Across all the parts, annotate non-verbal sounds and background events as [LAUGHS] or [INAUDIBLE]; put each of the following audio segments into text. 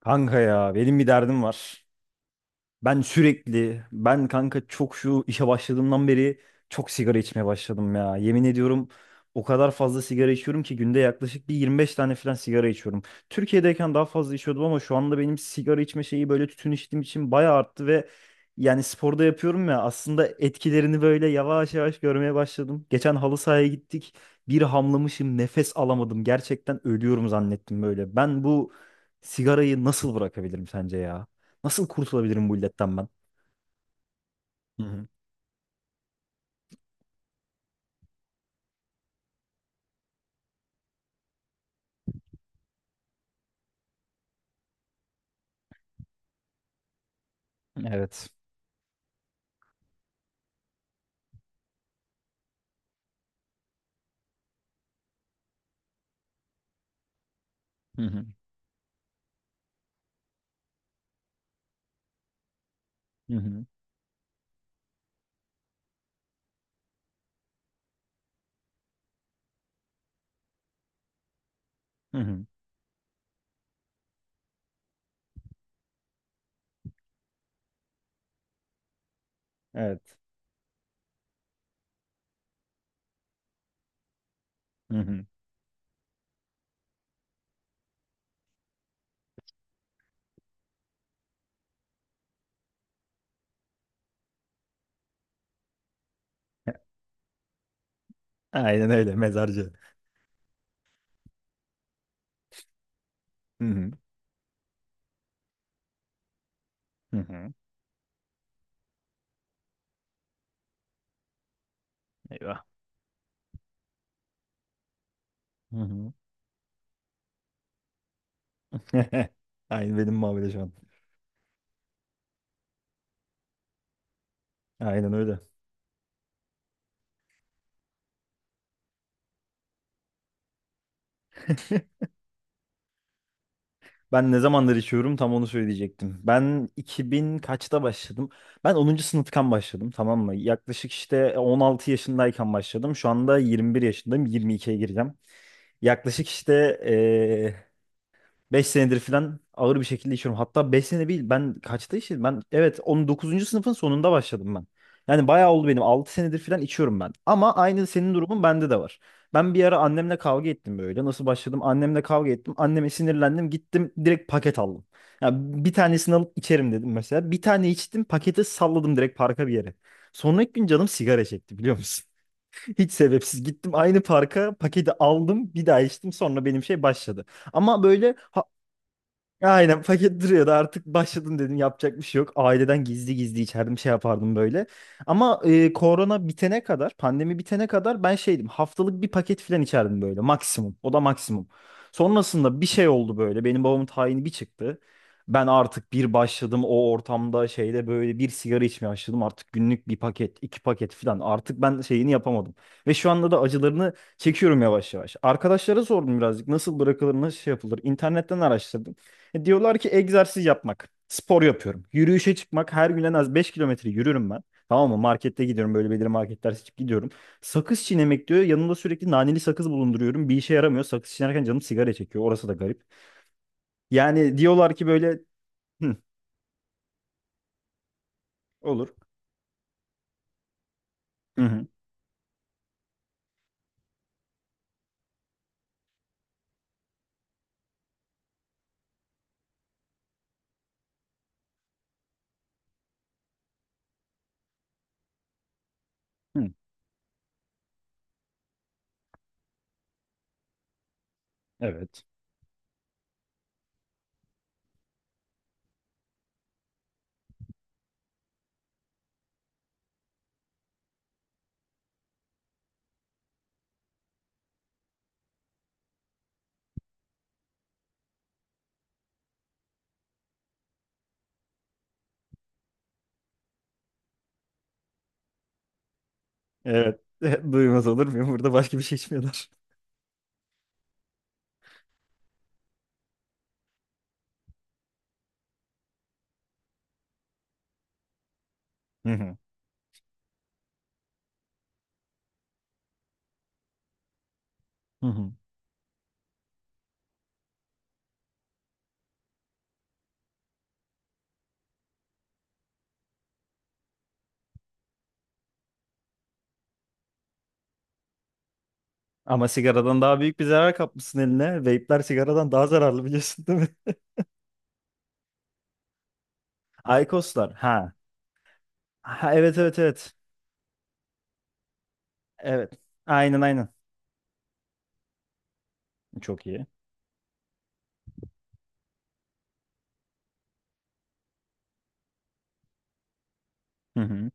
Kanka ya benim bir derdim var. Ben kanka çok şu işe başladığımdan beri çok sigara içmeye başladım ya. Yemin ediyorum o kadar fazla sigara içiyorum ki günde yaklaşık bir 25 tane falan sigara içiyorum. Türkiye'deyken daha fazla içiyordum ama şu anda benim sigara içme şeyi böyle tütün içtiğim için bayağı arttı ve yani sporda yapıyorum ya aslında etkilerini böyle yavaş yavaş görmeye başladım. Geçen halı sahaya gittik. Bir hamlamışım, nefes alamadım. Gerçekten ölüyorum zannettim böyle. Ben bu sigarayı nasıl bırakabilirim sence? Nasıl kurtulabilirim bu illetten ben? Hı hı. Evet. Hı hı. Hı hı. Hı hı. Evet. Hı hı. Aynen öyle mezarcı. Hı hı. Hı hı. Eyvah. Hı hı. [LAUGHS] Aynı benim muhabbeti şu an. Aynen öyle. Ben ne zamandır içiyorum tam onu söyleyecektim. Ben 2000 kaçta başladım? Ben 10. sınıftan başladım tamam mı? Yaklaşık işte 16 yaşındayken başladım. Şu anda 21 yaşındayım. 22'ye gireceğim. Yaklaşık işte 5 senedir falan ağır bir şekilde içiyorum. Hatta 5 sene değil. Ben kaçta içtim? Ben evet 19. sınıfın sonunda başladım ben. Yani bayağı oldu benim. 6 senedir falan içiyorum ben. Ama aynı senin durumun bende de var. Ben bir ara annemle kavga ettim böyle. Nasıl başladım? Annemle kavga ettim. Anneme sinirlendim. Gittim direkt paket aldım. Yani bir tanesini alıp içerim dedim mesela. Bir tane içtim. Paketi salladım direkt parka bir yere. Sonraki gün canım sigara çekti biliyor musun? [LAUGHS] Hiç sebepsiz. Gittim aynı parka paketi aldım. Bir daha içtim. Sonra benim şey başladı. Ama böyle ha- Aynen paket duruyordu artık başladım dedim yapacak bir şey yok. Aileden gizli gizli içerdim şey yapardım böyle. Ama korona bitene kadar pandemi bitene kadar ben şeydim haftalık bir paket filan içerdim böyle maksimum o da maksimum. Sonrasında bir şey oldu böyle benim babamın tayini bir çıktı. Ben artık bir başladım o ortamda şeyde böyle bir sigara içmeye başladım artık günlük bir paket iki paket filan artık ben şeyini yapamadım. Ve şu anda da acılarını çekiyorum yavaş yavaş. Arkadaşlara sordum birazcık nasıl bırakılır nasıl şey yapılır internetten araştırdım. Diyorlar ki egzersiz yapmak. Spor yapıyorum. Yürüyüşe çıkmak. Her gün en az 5 kilometre yürürüm ben. Tamam mı? Markette gidiyorum. Böyle belirli marketler seçip gidiyorum. Sakız çiğnemek diyor. Yanımda sürekli naneli sakız bulunduruyorum. Bir işe yaramıyor. Sakız çiğnerken canım sigara çekiyor. Orası da garip. Yani diyorlar ki böyle hı, olur. Hı hı, hı. Evet. Evet. [LAUGHS] Duymaz olur muyum? Burada başka bir şey içmiyorlar. Hı hı. Hı hı. Ama sigaradan daha büyük bir zarar kapmışsın eline. Vape'ler sigaradan daha zararlı biliyorsun değil mi? [LAUGHS] Aykoslar. Ha. Ha, evet evet evet. Evet. Aynen aynen. Çok iyi. Hı hı.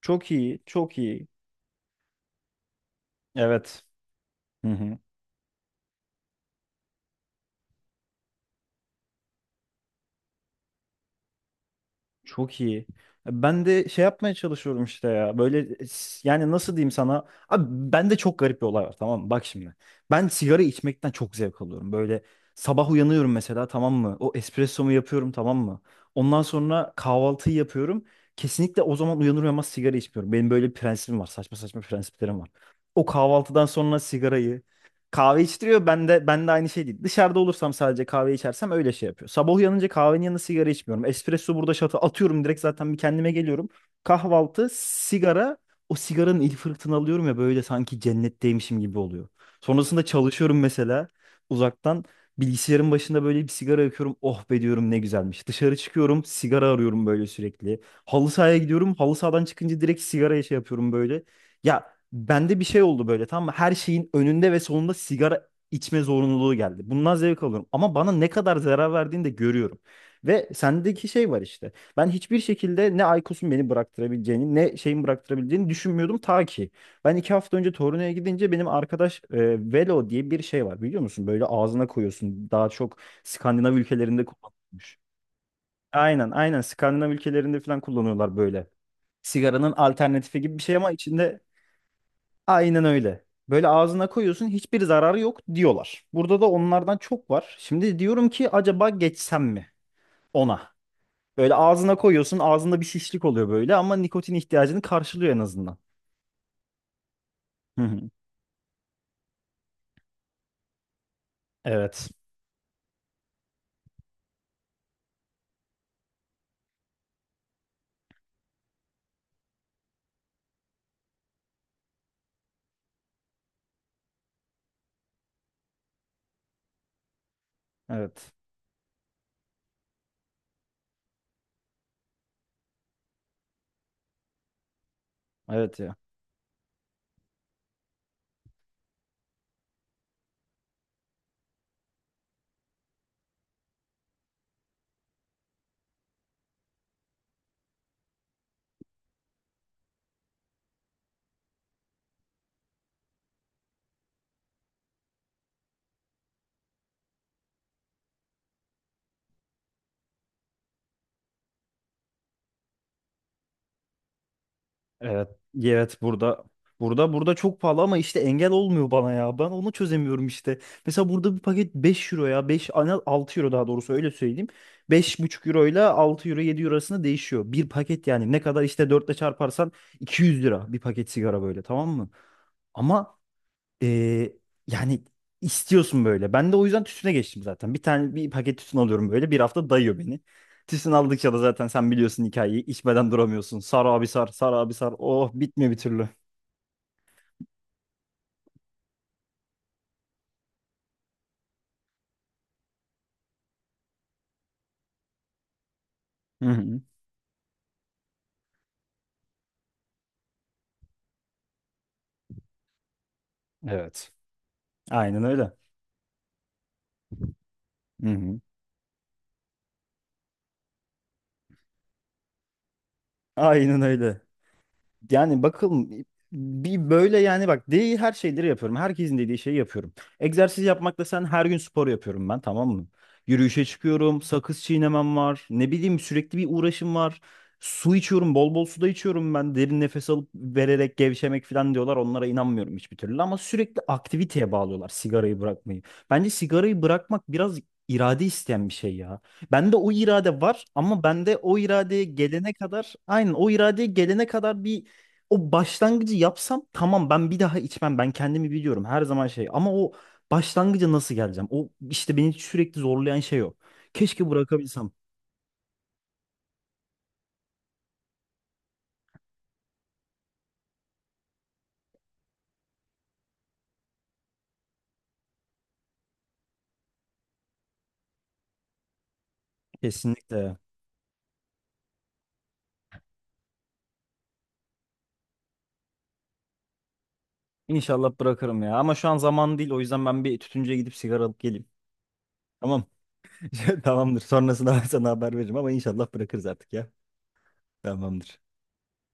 Çok iyi. Çok iyi. Evet. Hı hı. Çok iyi. Ben de şey yapmaya çalışıyorum işte ya. Böyle yani nasıl diyeyim sana? Abi bende çok garip bir olay var tamam mı? Bak şimdi. Ben sigara içmekten çok zevk alıyorum. Böyle sabah uyanıyorum mesela tamam mı? O espressomu yapıyorum tamam mı? Ondan sonra kahvaltıyı yapıyorum. Kesinlikle o zaman uyanır uyanmaz sigara içmiyorum. Benim böyle bir prensibim var. Saçma saçma prensiplerim var. O kahvaltıdan sonra sigarayı kahve içtiriyor. Ben de aynı şey değil. Dışarıda olursam sadece kahve içersem öyle şey yapıyor. Sabah uyanınca kahvenin yanında sigara içmiyorum. Espresso burada şatı atıyorum direkt zaten bir kendime geliyorum. Kahvaltı, sigara. O sigaranın ilk fırtını alıyorum ya böyle sanki cennetteymişim gibi oluyor. Sonrasında çalışıyorum mesela uzaktan. Bilgisayarın başında böyle bir sigara yakıyorum. Oh be diyorum ne güzelmiş. Dışarı çıkıyorum sigara arıyorum böyle sürekli. Halı sahaya gidiyorum. Halı sahadan çıkınca direkt sigaraya şey yapıyorum böyle. Ya, bende bir şey oldu böyle tamam mı? Her şeyin önünde ve sonunda sigara içme zorunluluğu geldi. Bundan zevk alıyorum. Ama bana ne kadar zarar verdiğini de görüyorum. Ve sendeki şey var işte. Ben hiçbir şekilde ne Aykos'un beni bıraktırabileceğini ne şeyin bıraktırabileceğini düşünmüyordum ta ki. Ben 2 hafta önce Torino'ya gidince benim arkadaş Velo diye bir şey var biliyor musun? Böyle ağzına koyuyorsun. Daha çok Skandinav ülkelerinde kullanılmış. Aynen aynen Skandinav ülkelerinde falan kullanıyorlar böyle. Sigaranın alternatifi gibi bir şey ama içinde aynen öyle. Böyle ağzına koyuyorsun hiçbir zararı yok diyorlar. Burada da onlardan çok var. Şimdi diyorum ki acaba geçsem mi ona? Böyle ağzına koyuyorsun ağzında bir şişlik oluyor böyle ama nikotin ihtiyacını karşılıyor en azından. Hı hı. Evet. Evet. Evet ya. Evet, evet, burada burada çok pahalı ama işte engel olmuyor bana ya. Ben onu çözemiyorum işte. Mesela burada bir paket 5 euro ya. Beş ana 6 euro daha doğrusu öyle söyleyeyim. 5,5 euro ile 6 euro 7 euro arasında değişiyor. Bir paket yani ne kadar işte 4 ile çarparsan 200 lira bir paket sigara böyle tamam mı? Ama ee, yani istiyorsun böyle. Ben de o yüzden tütüne geçtim zaten. Bir tane bir paket tütün alıyorum böyle. Bir hafta dayıyor beni. Tütün aldıkça da zaten sen biliyorsun hikayeyi. İçmeden duramıyorsun. Sar abi sar, sar abi sar. Oh bitmiyor bir türlü. Hı hı. Evet. Aynen öyle. Hı hı. Aynen öyle. Yani bakalım bir böyle yani bak değil her şeyleri yapıyorum. Herkesin dediği şeyi yapıyorum. Egzersiz yapmakla sen her gün spor yapıyorum ben tamam mı? Yürüyüşe çıkıyorum, sakız çiğnemem var. Ne bileyim sürekli bir uğraşım var. Su içiyorum, bol bol su da içiyorum ben. Derin nefes alıp vererek gevşemek falan diyorlar. Onlara inanmıyorum hiçbir türlü ama sürekli aktiviteye bağlıyorlar sigarayı bırakmayı. Bence sigarayı bırakmak biraz irade isteyen bir şey ya. Bende o irade var ama bende o iradeye gelene kadar aynen o iradeye gelene kadar bir o başlangıcı yapsam tamam ben bir daha içmem. Ben kendimi biliyorum her zaman şey. Ama o başlangıca nasıl geleceğim? O işte beni sürekli zorlayan şey o. Keşke bırakabilsem. Kesinlikle. İnşallah bırakırım ya. Ama şu an zaman değil. O yüzden ben bir tütüncüye gidip sigara alıp geleyim. Tamam. [LAUGHS] Tamamdır. Sonrasında ben sana haber veririm ama inşallah bırakırız artık ya. Tamamdır.